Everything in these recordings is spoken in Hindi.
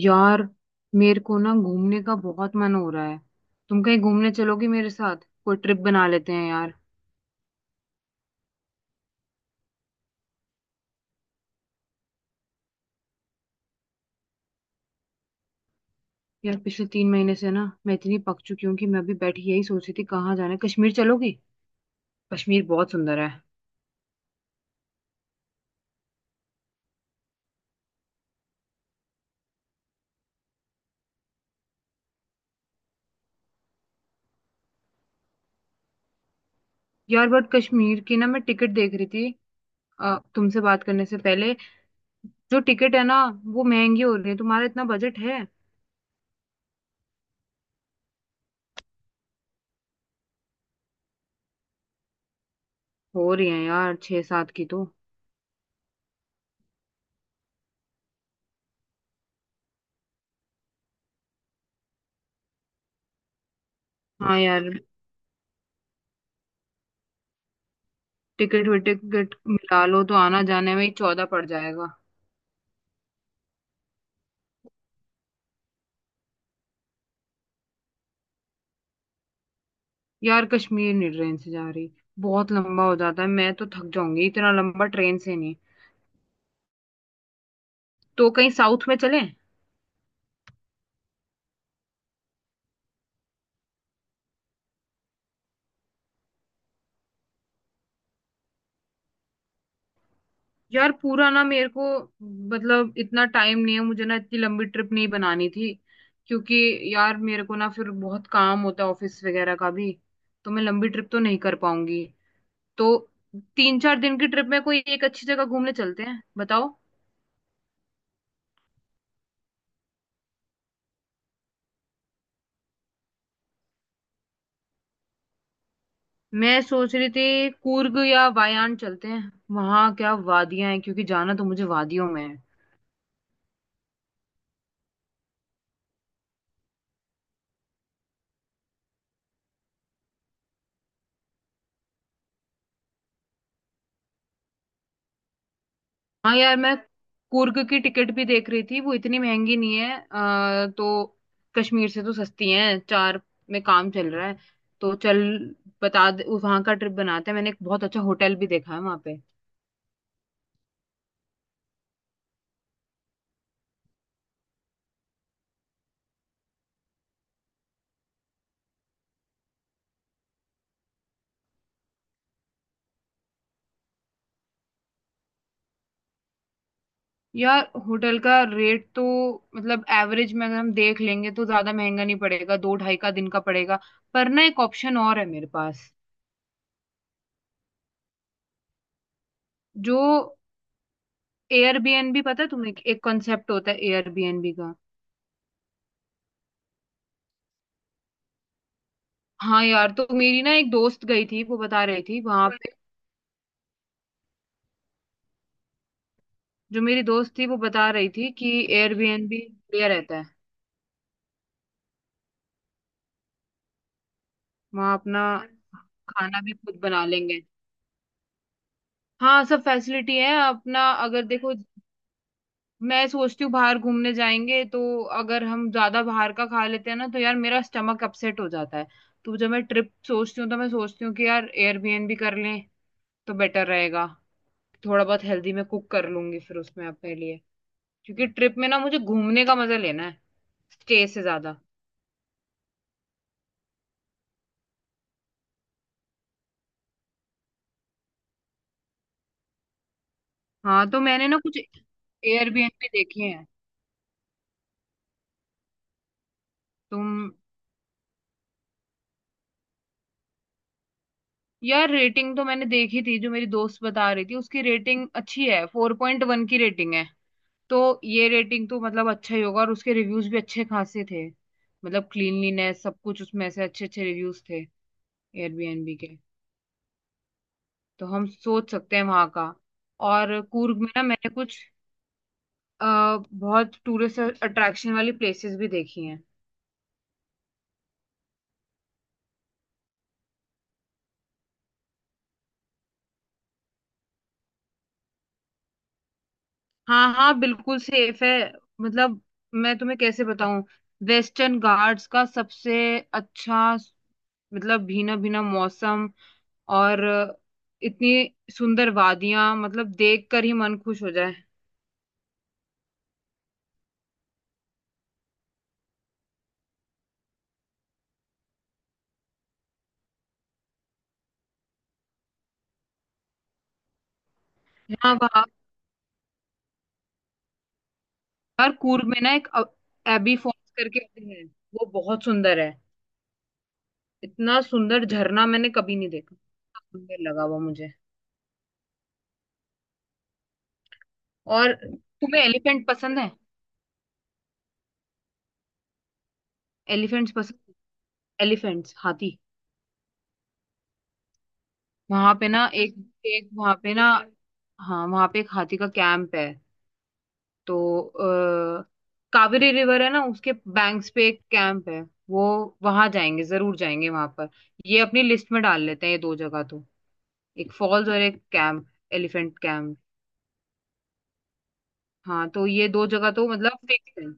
यार, मेरे को ना घूमने का बहुत मन हो रहा है। तुम कहीं घूमने चलोगी मेरे साथ? कोई ट्रिप बना लेते हैं यार। यार, पिछले 3 महीने से ना मैं इतनी पक चुकी हूँ कि मैं भी बैठी यही सोच रही थी कहाँ जाना है। कश्मीर चलोगी? कश्मीर बहुत सुंदर है। यार बट कश्मीर की ना मैं टिकट देख रही थी, तुमसे बात करने से पहले। जो टिकट है ना, वो महंगी हो रही है। तुम्हारा इतना बजट है? हो रही है यार, छह सात की तो। हाँ यार। टिकट विकट मिला लो तो आना जाने में ही 14 पड़ जाएगा। यार कश्मीर नहीं, ट्रेन से जा रही। बहुत लंबा हो जाता है, मैं तो थक जाऊंगी, इतना लंबा ट्रेन से नहीं। तो कहीं साउथ में चलें? यार, पूरा ना मेरे को, मतलब इतना टाइम नहीं है मुझे ना, इतनी लंबी ट्रिप नहीं बनानी थी, क्योंकि यार मेरे को ना फिर बहुत काम होता है ऑफिस वगैरह का भी। तो मैं लंबी ट्रिप तो नहीं कर पाऊंगी, तो 3-4 दिन की ट्रिप में कोई एक अच्छी जगह घूमने चलते हैं, बताओ। मैं सोच रही थी कूर्ग या वायान चलते हैं, वहां क्या वादियां हैं, क्योंकि जाना तो मुझे वादियों में है। हाँ यार, मैं कुर्ग की टिकट भी देख रही थी, वो इतनी महंगी नहीं है, तो कश्मीर से तो सस्ती है, चार में काम चल रहा है। तो चल, बता दे, वहां का ट्रिप बनाते हैं। मैंने एक बहुत अच्छा होटल भी देखा है वहां पे। यार होटल का रेट तो, मतलब एवरेज में अगर हम देख लेंगे तो ज्यादा महंगा नहीं पड़ेगा, दो ढाई का दिन का पड़ेगा। पर ना एक ऑप्शन और है मेरे पास। जो एयरबीएनबी, पता है तुम्हें, एक कॉन्सेप्ट होता है एयरबीएनबी का। हाँ यार, तो मेरी ना एक दोस्त गई थी, वो बता रही थी वहां पे। जो मेरी दोस्त थी वो बता रही थी कि एयरबीएनबी बढ़िया रहता है। वहाँ अपना खाना भी खुद बना लेंगे। हाँ, सब फैसिलिटी है। अपना अगर देखो, मैं सोचती हूँ बाहर घूमने जाएंगे, तो अगर हम ज्यादा बाहर का खा लेते हैं ना तो यार मेरा स्टमक अपसेट हो जाता है। तो जब मैं ट्रिप सोचती हूँ तो मैं सोचती हूँ कि यार एयरबीएनबी कर लें तो बेटर रहेगा। थोड़ा बहुत हेल्दी मैं कुक कर लूंगी फिर उसमें अपने लिए, क्योंकि ट्रिप में ना मुझे घूमने का मजा लेना है स्टे से ज्यादा। हाँ, तो मैंने ना कुछ एयरबीएनबी देखे हैं। तुम? यार रेटिंग तो मैंने देखी थी, जो मेरी दोस्त बता रही थी उसकी रेटिंग अच्छी है, 4.1 की रेटिंग है। तो ये रेटिंग तो मतलब अच्छा ही होगा, और उसके रिव्यूज भी अच्छे खासे थे। मतलब क्लीनलीनेस सब कुछ, उसमें से अच्छे अच्छे रिव्यूज थे एयरबीएनबी के। तो हम सोच सकते हैं वहां का। और कूर्ग में ना मैंने कुछ, बहुत टूरिस्ट अट्रैक्शन वाली प्लेसेस भी देखी हैं। हाँ हाँ, बिल्कुल सेफ है। मतलब, मैं तुम्हें कैसे बताऊं, वेस्टर्न घाट्स का सबसे अच्छा, मतलब भीना-भीना मौसम और इतनी सुंदर वादियां, मतलब देख कर ही मन खुश हो जाए। यहाँ वहाँ हर कूर्ग में ना एक एबी फॉल्स करके है, वो बहुत सुंदर है। इतना सुंदर झरना मैंने कभी नहीं देखा, सुंदर लगा वो मुझे। और तुम्हें एलिफेंट पसंद है? एलिफेंट्स पसंद? एलिफेंट्स, हाथी। वहां पे ना एक एक वहां पे ना हाँ, वहां पे एक हाथी का कैंप है। तो कावेरी रिवर है ना, उसके बैंक्स पे एक कैंप है वो। वहां जाएंगे, जरूर जाएंगे वहां पर। ये अपनी लिस्ट में डाल लेते हैं ये दो जगह तो। एक फॉल्स और एक कैंप, एलिफेंट कैंप। हाँ तो ये दो जगह तो मतलब फिक्स है।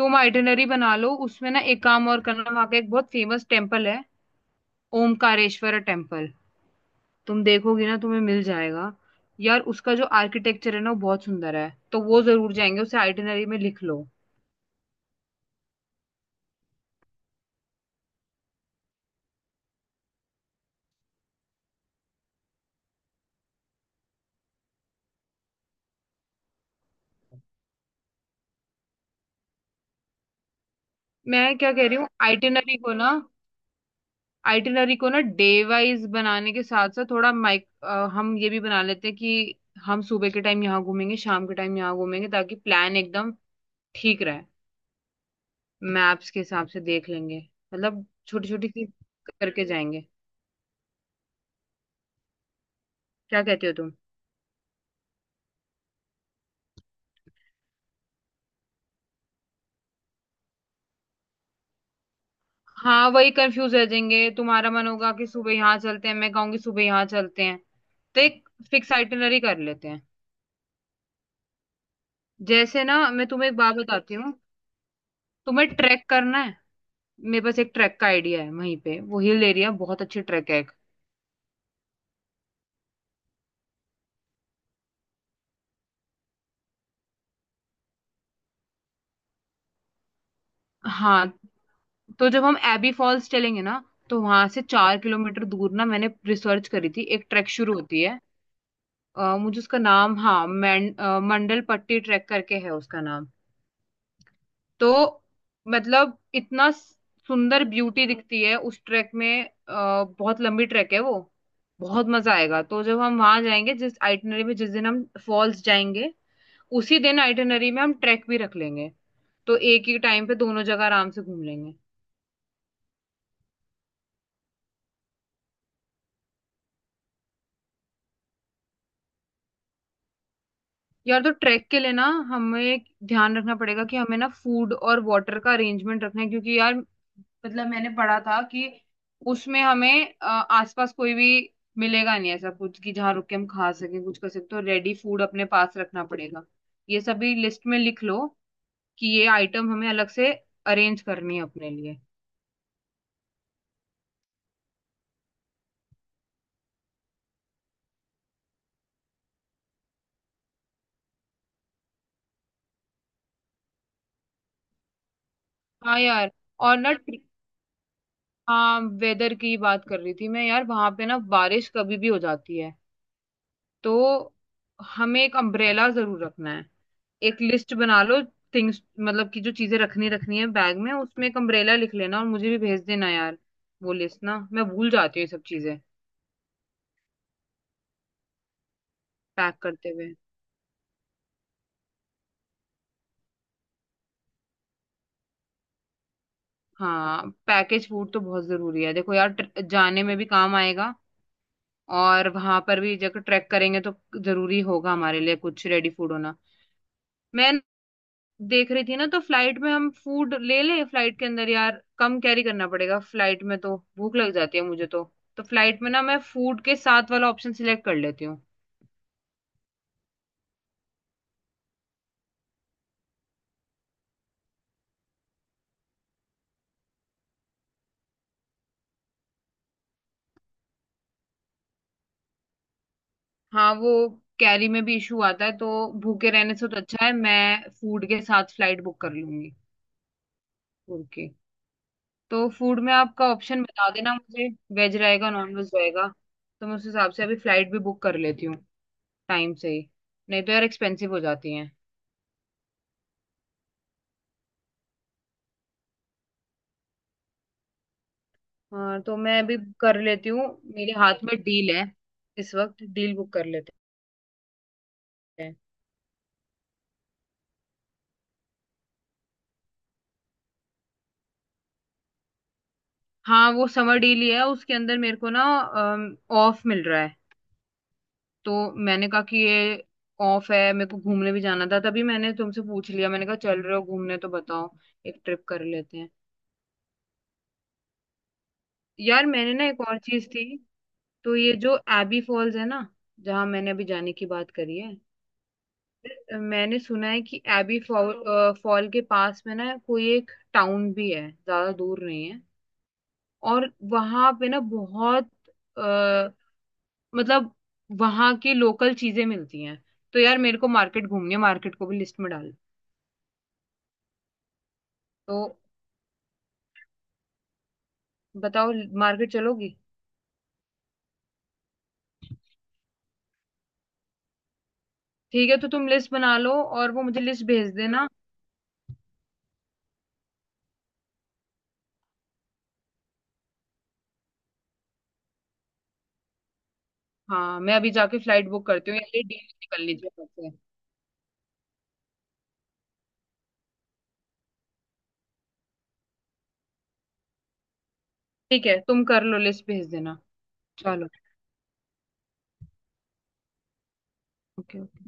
तुम आइटिनरी बना लो, उसमें ना एक काम और करना, वहां का एक बहुत फेमस टेम्पल है, ओमकारेश्वर टेम्पल। तुम देखोगी ना, तुम्हें मिल जाएगा। यार उसका जो आर्किटेक्चर है ना वो बहुत सुंदर है, तो वो जरूर जाएंगे, उसे आइटिनरी में लिख लो। मैं क्या कह रही हूँ, आइटिनरी को ना, आइटिनरी को ना डे वाइज बनाने के साथ साथ थोड़ा माइक, हम ये भी बना लेते हैं कि हम सुबह के टाइम यहाँ घूमेंगे, शाम के टाइम यहाँ घूमेंगे, ताकि प्लान एकदम ठीक रहे। मैप्स के हिसाब से देख लेंगे, मतलब छोटी छोटी सी करके जाएंगे। क्या कहते हो तुम? हाँ, वही कंफ्यूज रह जाएंगे, तुम्हारा मन होगा कि सुबह यहाँ चलते हैं, मैं कहूंगी सुबह यहाँ चलते हैं। तो एक फिक्स आइटिनरी कर लेते हैं। जैसे ना मैं तुम्हें एक बात बताती हूँ, तुम्हें ट्रैक करना है, मेरे पास एक ट्रैक का आइडिया है, वहीं पे वो हिल एरिया बहुत अच्छी ट्रैक है। हाँ, तो जब हम एबी फॉल्स चलेंगे ना, तो वहां से 4 किलोमीटर दूर ना मैंने रिसर्च करी थी, एक ट्रैक शुरू होती है। मुझे उसका नाम, हाँ, मंडल पट्टी ट्रैक करके है उसका नाम। तो मतलब इतना सुंदर ब्यूटी दिखती है उस ट्रैक में, बहुत लंबी ट्रैक है वो, बहुत मजा आएगा। तो जब हम वहां जाएंगे, जिस आइटनरी में जिस दिन हम फॉल्स जाएंगे, उसी दिन आइटनरी में हम ट्रैक भी रख लेंगे, तो एक ही टाइम पे दोनों जगह आराम से घूम लेंगे। यार, तो ट्रैक के लिए ना हमें ध्यान रखना पड़ेगा कि हमें ना फूड और वाटर का अरेंजमेंट रखना है, क्योंकि यार मतलब मैंने पढ़ा था कि उसमें हमें आसपास कोई भी मिलेगा नहीं, ऐसा कुछ कि जहाँ रुक के हम खा सकें कुछ कर सकते, तो रेडी फूड अपने पास रखना पड़ेगा। ये सभी लिस्ट में लिख लो कि ये आइटम हमें अलग से अरेंज करनी है अपने लिए। हाँ यार। और ना हाँ, वेदर की बात कर रही थी मैं, यार वहां पे ना बारिश कभी भी हो जाती है, तो हमें एक अम्ब्रेला जरूर रखना है। एक लिस्ट बना लो थिंग्स, मतलब कि जो चीजें रखनी रखनी है बैग में, उसमें एक अम्ब्रेला लिख लेना और मुझे भी भेज देना यार, वो लिस्ट ना मैं भूल जाती हूँ ये सब चीजें पैक करते हुए। हाँ, पैकेज फूड तो बहुत जरूरी है, देखो यार जाने में भी काम आएगा, और वहां पर भी जब ट्रैक करेंगे तो जरूरी होगा हमारे लिए कुछ रेडी फूड होना। मैं देख रही थी ना, तो फ्लाइट में हम फूड ले ले, फ्लाइट के अंदर यार कम कैरी करना पड़ेगा। फ्लाइट में तो भूख लग जाती है मुझे तो फ्लाइट में ना मैं फूड के साथ वाला ऑप्शन सिलेक्ट कर लेती हूँ। हाँ, वो कैरी में भी इशू आता है, तो भूखे रहने से तो अच्छा है, मैं फूड के साथ फ्लाइट बुक कर लूंगी। ओके, तो फूड में आपका ऑप्शन बता देना मुझे, वेज रहेगा नॉन वेज रहेगा, तो मैं उस हिसाब से अभी फ्लाइट भी बुक कर लेती हूँ, टाइम से ही, नहीं तो यार एक्सपेंसिव हो जाती है। हाँ, तो मैं अभी कर लेती हूँ, मेरे हाथ में डील है, इस वक्त डील बुक कर लेते हैं। हाँ वो समर डील ही है, उसके अंदर मेरे को ना ऑफ मिल रहा है, तो मैंने कहा कि ये ऑफ है, मेरे को घूमने भी जाना था, तभी मैंने तुमसे पूछ लिया, मैंने कहा चल रहे हो घूमने तो बताओ, एक ट्रिप कर लेते हैं। यार, मैंने ना एक और चीज थी, तो ये जो एबी फॉल्स है ना, जहाँ मैंने अभी जाने की बात करी है, मैंने सुना है कि एबी फॉल, फॉल के पास में ना कोई एक टाउन भी है, ज्यादा दूर नहीं है। और वहां पे ना बहुत, आ, मतलब वहां की लोकल चीजें मिलती हैं। तो यार मेरे को मार्केट घूमनी है, मार्केट को भी लिस्ट में डाल। तो बताओ, मार्केट चलोगी? ठीक है, तो तुम लिस्ट बना लो और वो मुझे लिस्ट भेज देना। हाँ, मैं अभी जाके फ्लाइट बुक करती हूँ यार, ये डील निकल लीजिए मुझसे। ठीक है, तुम कर लो, लिस्ट भेज देना। चलो। ओके। ओके।